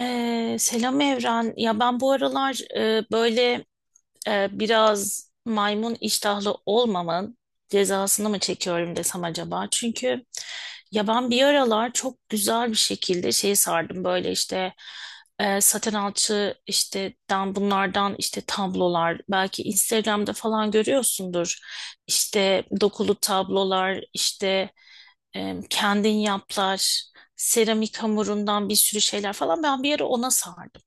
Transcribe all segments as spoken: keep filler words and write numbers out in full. Ee, selam Evren. Ya ben bu aralar e, böyle e, biraz maymun iştahlı olmamın cezasını mı çekiyorum desem acaba? Çünkü ya ben bir aralar çok güzel bir şekilde şey sardım böyle işte e, saten alçı işte dan bunlardan işte tablolar belki Instagram'da falan görüyorsundur. İşte dokulu tablolar işte e, kendin yaplar seramik hamurundan bir sürü şeyler falan ben bir ara ona sardım.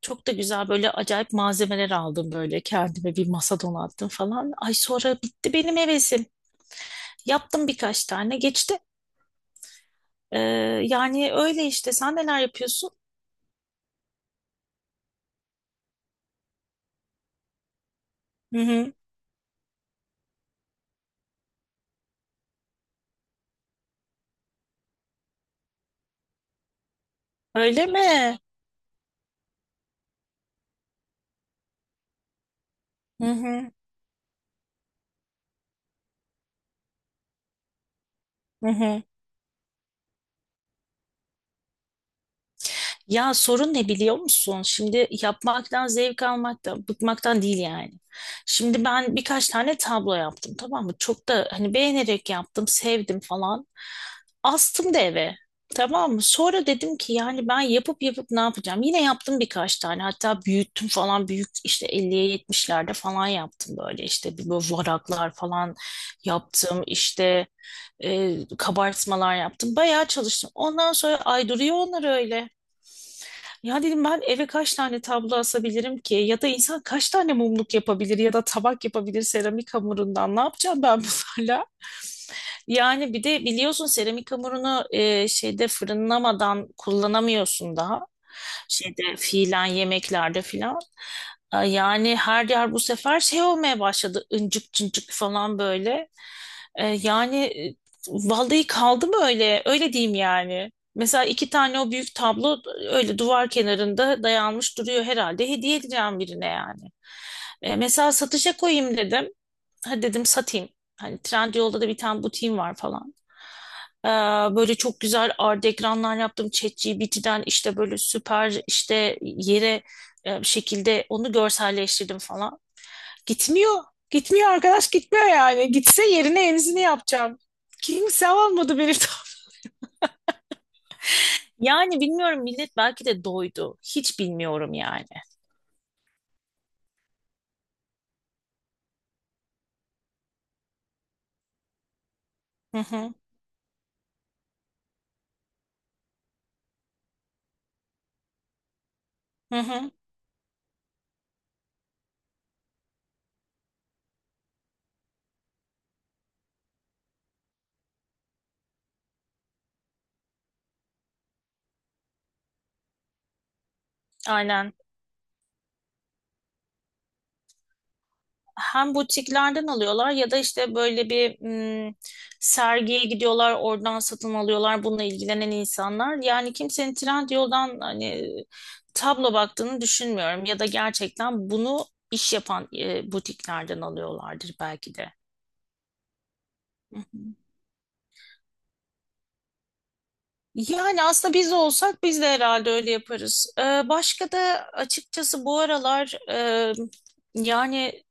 Çok da güzel böyle acayip malzemeler aldım böyle kendime bir masa donattım falan. Ay sonra bitti benim hevesim. Yaptım birkaç tane geçti. Ee, yani öyle işte sen neler yapıyorsun? Hı hı. Öyle mi? Hı hı. Hı hı. Ya sorun ne biliyor musun? Şimdi yapmaktan zevk almaktan, bıkmaktan değil yani. Şimdi ben birkaç tane tablo yaptım tamam mı? Çok da hani beğenerek yaptım, sevdim falan. Astım da eve. Tamam mı? Sonra dedim ki yani ben yapıp yapıp ne yapacağım? Yine yaptım birkaç tane. Hatta büyüttüm falan. Büyük işte elliye yetmişlerde falan yaptım böyle. İşte bir böyle varaklar falan yaptım. İşte e, kabartmalar yaptım. Bayağı çalıştım. Ondan sonra ay duruyor onlar öyle. Ya dedim ben eve kaç tane tablo asabilirim ki? Ya da insan kaç tane mumluk yapabilir ya da tabak yapabilir seramik hamurundan? Ne yapacağım ben bunlarla? Yani bir de biliyorsun seramik hamurunu e, şeyde fırınlamadan kullanamıyorsun daha. Şeyde fiilen yemeklerde filan. E, yani her yer bu sefer şey olmaya başladı. İncik cıncık falan böyle. E, yani e, vallahi kaldı mı öyle? Öyle diyeyim yani. Mesela iki tane o büyük tablo öyle duvar kenarında dayanmış duruyor herhalde. Hediye edeceğim birine yani. E, mesela satışa koyayım dedim hadi dedim satayım. Hani Trendyol'da da bir tane butiğim var falan. Ee, böyle çok güzel art ekranlar yaptım. ChatGPT'den işte böyle süper işte yere e, bir şekilde onu görselleştirdim falan. Gitmiyor. Gitmiyor arkadaş gitmiyor yani. Gitse yerine yenisini yapacağım. Kimse almadı beni. Yani bilmiyorum millet belki de doydu. Hiç bilmiyorum yani. Hı hı, hı hı. Aynen. Hem butiklerden alıyorlar ya da işte böyle bir mm, sergiye gidiyorlar oradan satın alıyorlar bununla ilgilenen insanlar. Yani kimsenin Trendyol'dan hani tablo baktığını düşünmüyorum ya da gerçekten bunu iş yapan e, butiklerden alıyorlardır belki de. Hı hı. Yani aslında biz olsak biz de herhalde öyle yaparız. Ee, başka da açıkçası bu aralar e, yani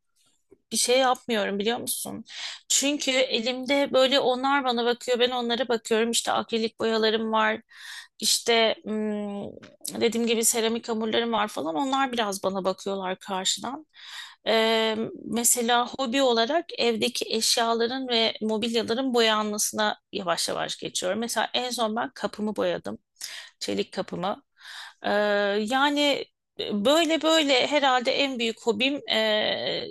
bir şey yapmıyorum biliyor musun? Çünkü elimde böyle onlar bana bakıyor, ben onlara bakıyorum. İşte akrilik boyalarım var. İşte hmm, dediğim gibi seramik hamurlarım var falan. Onlar biraz bana bakıyorlar karşıdan. Ee, mesela hobi olarak evdeki eşyaların ve mobilyaların boyanmasına yavaş yavaş geçiyorum. Mesela en son ben kapımı boyadım. Çelik kapımı. Ee, yani e, böyle böyle herhalde en büyük hobim e,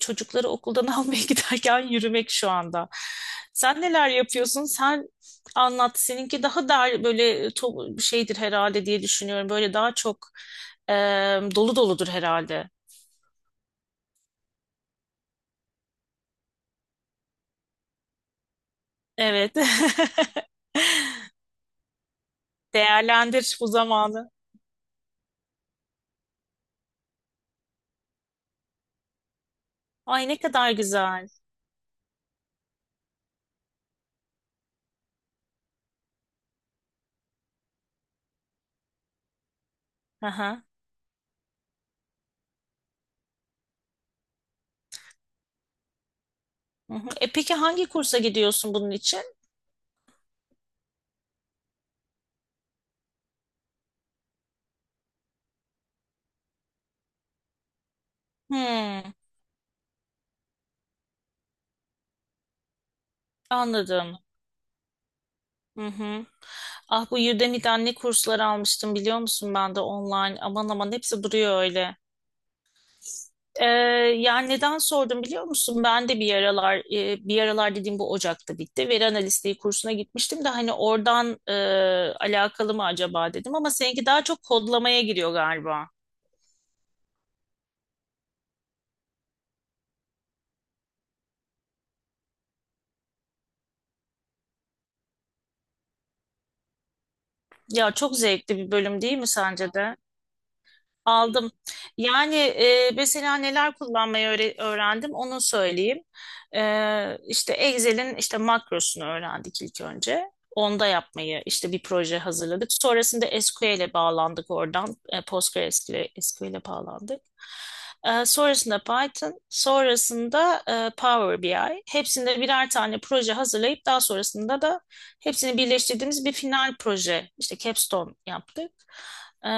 çocukları okuldan almaya giderken yürümek şu anda. Sen neler yapıyorsun? Sen anlat. Seninki daha da böyle to- şeydir herhalde diye düşünüyorum. Böyle daha çok e, dolu doludur herhalde. Evet. Değerlendir bu zamanı. Ay ne kadar güzel. Aha. Hı hı. E peki hangi kursa gidiyorsun bunun için? Hmm. Anladım. Hı hı. Ah bu Udemy'de anne kursları almıştım biliyor musun ben de online. Aman aman hepsi duruyor öyle. Ee, yani neden sordum biliyor musun? Ben de bir aralar e, bir aralar dediğim bu Ocak'ta bitti. Veri analistliği kursuna gitmiştim de hani oradan e, alakalı mı acaba dedim ama seninki daha çok kodlamaya giriyor galiba. Ya çok zevkli bir bölüm değil mi sence de? Aldım. Yani e, mesela neler kullanmayı öğre- öğrendim onu söyleyeyim. E, işte Excel'in işte makrosunu öğrendik ilk önce. Onda yapmayı işte bir proje hazırladık. Sonrasında S Q L'e bağlandık oradan. E, PostgreSQL'e bağlandık. E, sonrasında Python, sonrasında e, Power B I. Hepsinde birer tane proje hazırlayıp daha sonrasında da hepsini birleştirdiğimiz bir final proje, işte capstone yaptık. Ee,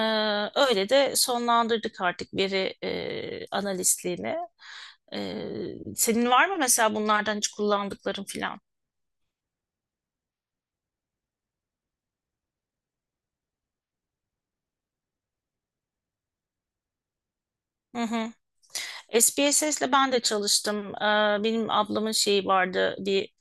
öyle de sonlandırdık artık veri e, analistliğini. Ee, senin var mı mesela bunlardan hiç kullandıkların filan? Hı hı. S P S S'le ben de çalıştım. Ee, benim ablamın şeyi vardı, bir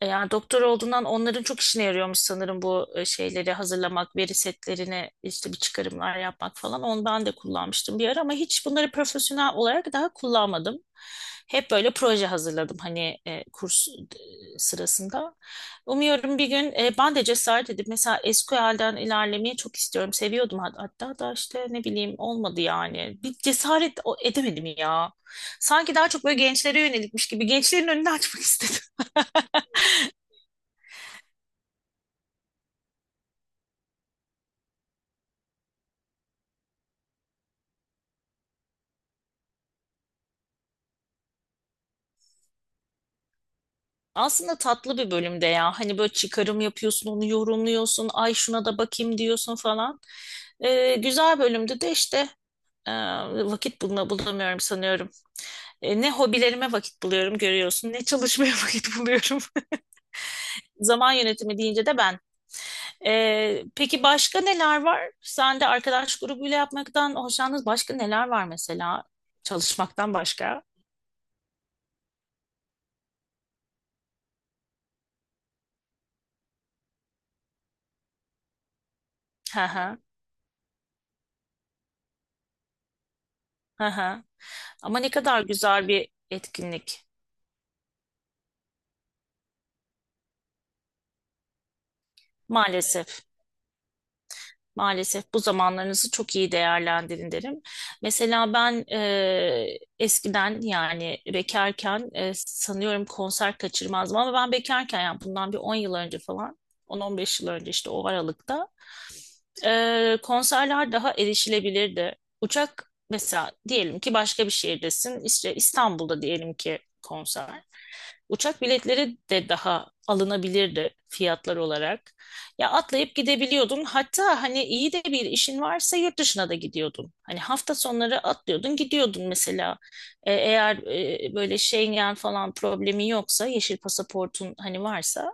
E, yani doktor olduğundan onların çok işine yarıyormuş sanırım bu e, şeyleri hazırlamak, veri setlerine işte bir çıkarımlar yapmak falan. Onu ben de kullanmıştım bir ara ama hiç bunları profesyonel olarak daha kullanmadım. Hep böyle proje hazırladım hani e, kurs e, sırasında. Umuyorum bir gün e, ben de cesaret edip mesela S Q L'den ilerlemeyi çok istiyorum. Seviyordum hat- hatta da işte ne bileyim olmadı yani. Bir cesaret o- edemedim ya. Sanki daha çok böyle gençlere yönelikmiş gibi gençlerin önünü açmak istedim. Aslında tatlı bir bölümde ya. Hani böyle çıkarım yapıyorsun, onu yorumluyorsun, ay şuna da bakayım diyorsun falan. Ee, güzel bölümde de işte e, vakit bulma, bulamıyorum sanıyorum. E, ne hobilerime vakit buluyorum görüyorsun, ne çalışmaya vakit buluyorum. Zaman yönetimi deyince de ben. Ee, peki başka neler var? Sen de arkadaş grubuyla yapmaktan hoşlandınız. Başka neler var mesela? Çalışmaktan başka. Hı hı, hı hı. Ama ne kadar güzel bir etkinlik. Maalesef. Maalesef bu zamanlarınızı çok iyi değerlendirin derim. Mesela ben e, eskiden yani bekarken e, sanıyorum konser kaçırmazdım ama ben bekarken yani bundan bir on yıl önce falan on on beş yıl önce işte o aralıkta e, konserler daha erişilebilirdi. Uçak mesela diyelim ki başka bir şehirdesin işte İstanbul'da diyelim ki konser. Uçak biletleri de daha alınabilirdi fiyatlar olarak. Ya atlayıp gidebiliyordun. Hatta hani iyi de bir işin varsa yurt dışına da gidiyordun. Hani hafta sonları atlıyordun, gidiyordun mesela. E, eğer e, böyle Schengen falan problemi yoksa, yeşil pasaportun hani varsa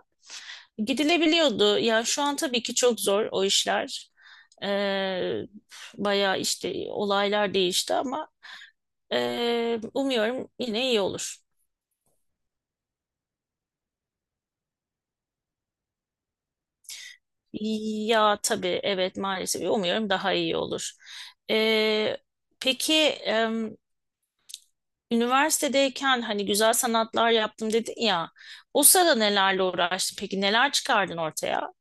gidilebiliyordu. Ya şu an tabii ki çok zor o işler. E, bayağı işte olaylar değişti ama e, umuyorum yine iyi olur. Ya tabii evet maalesef umuyorum daha iyi olur. Ee, peki em, üniversitedeyken hani güzel sanatlar yaptım dedin ya o sırada nelerle uğraştın peki neler çıkardın ortaya?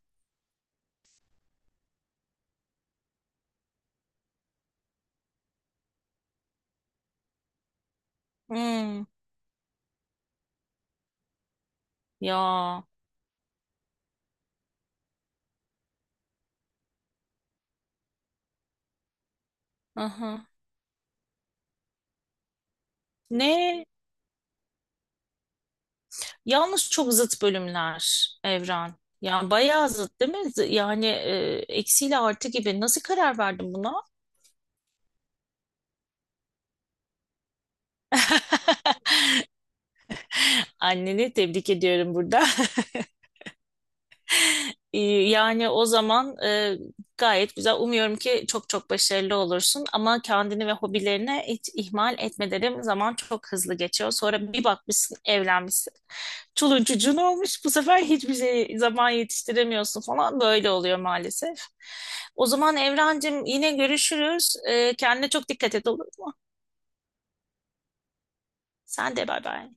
Hmm, ya aha. Ne? Yalnız çok zıt bölümler Evren. Yani bayağı zıt değil mi? Z- Yani e, eksiyle artı gibi nasıl karar verdin buna? Anneni tebrik ediyorum burada. Ee, yani o zaman e, gayet güzel. Umuyorum ki çok çok başarılı olursun ama kendini ve hobilerine hiç ihmal etme derim. Zaman çok hızlı geçiyor. Sonra bir bakmışsın evlenmişsin. Çoluğun çocuğun olmuş. Bu sefer hiçbir şey zaman yetiştiremiyorsun falan. Böyle oluyor maalesef. O zaman Evrencim yine görüşürüz. Ee, kendine çok dikkat et olur mu? Sen de bay bay.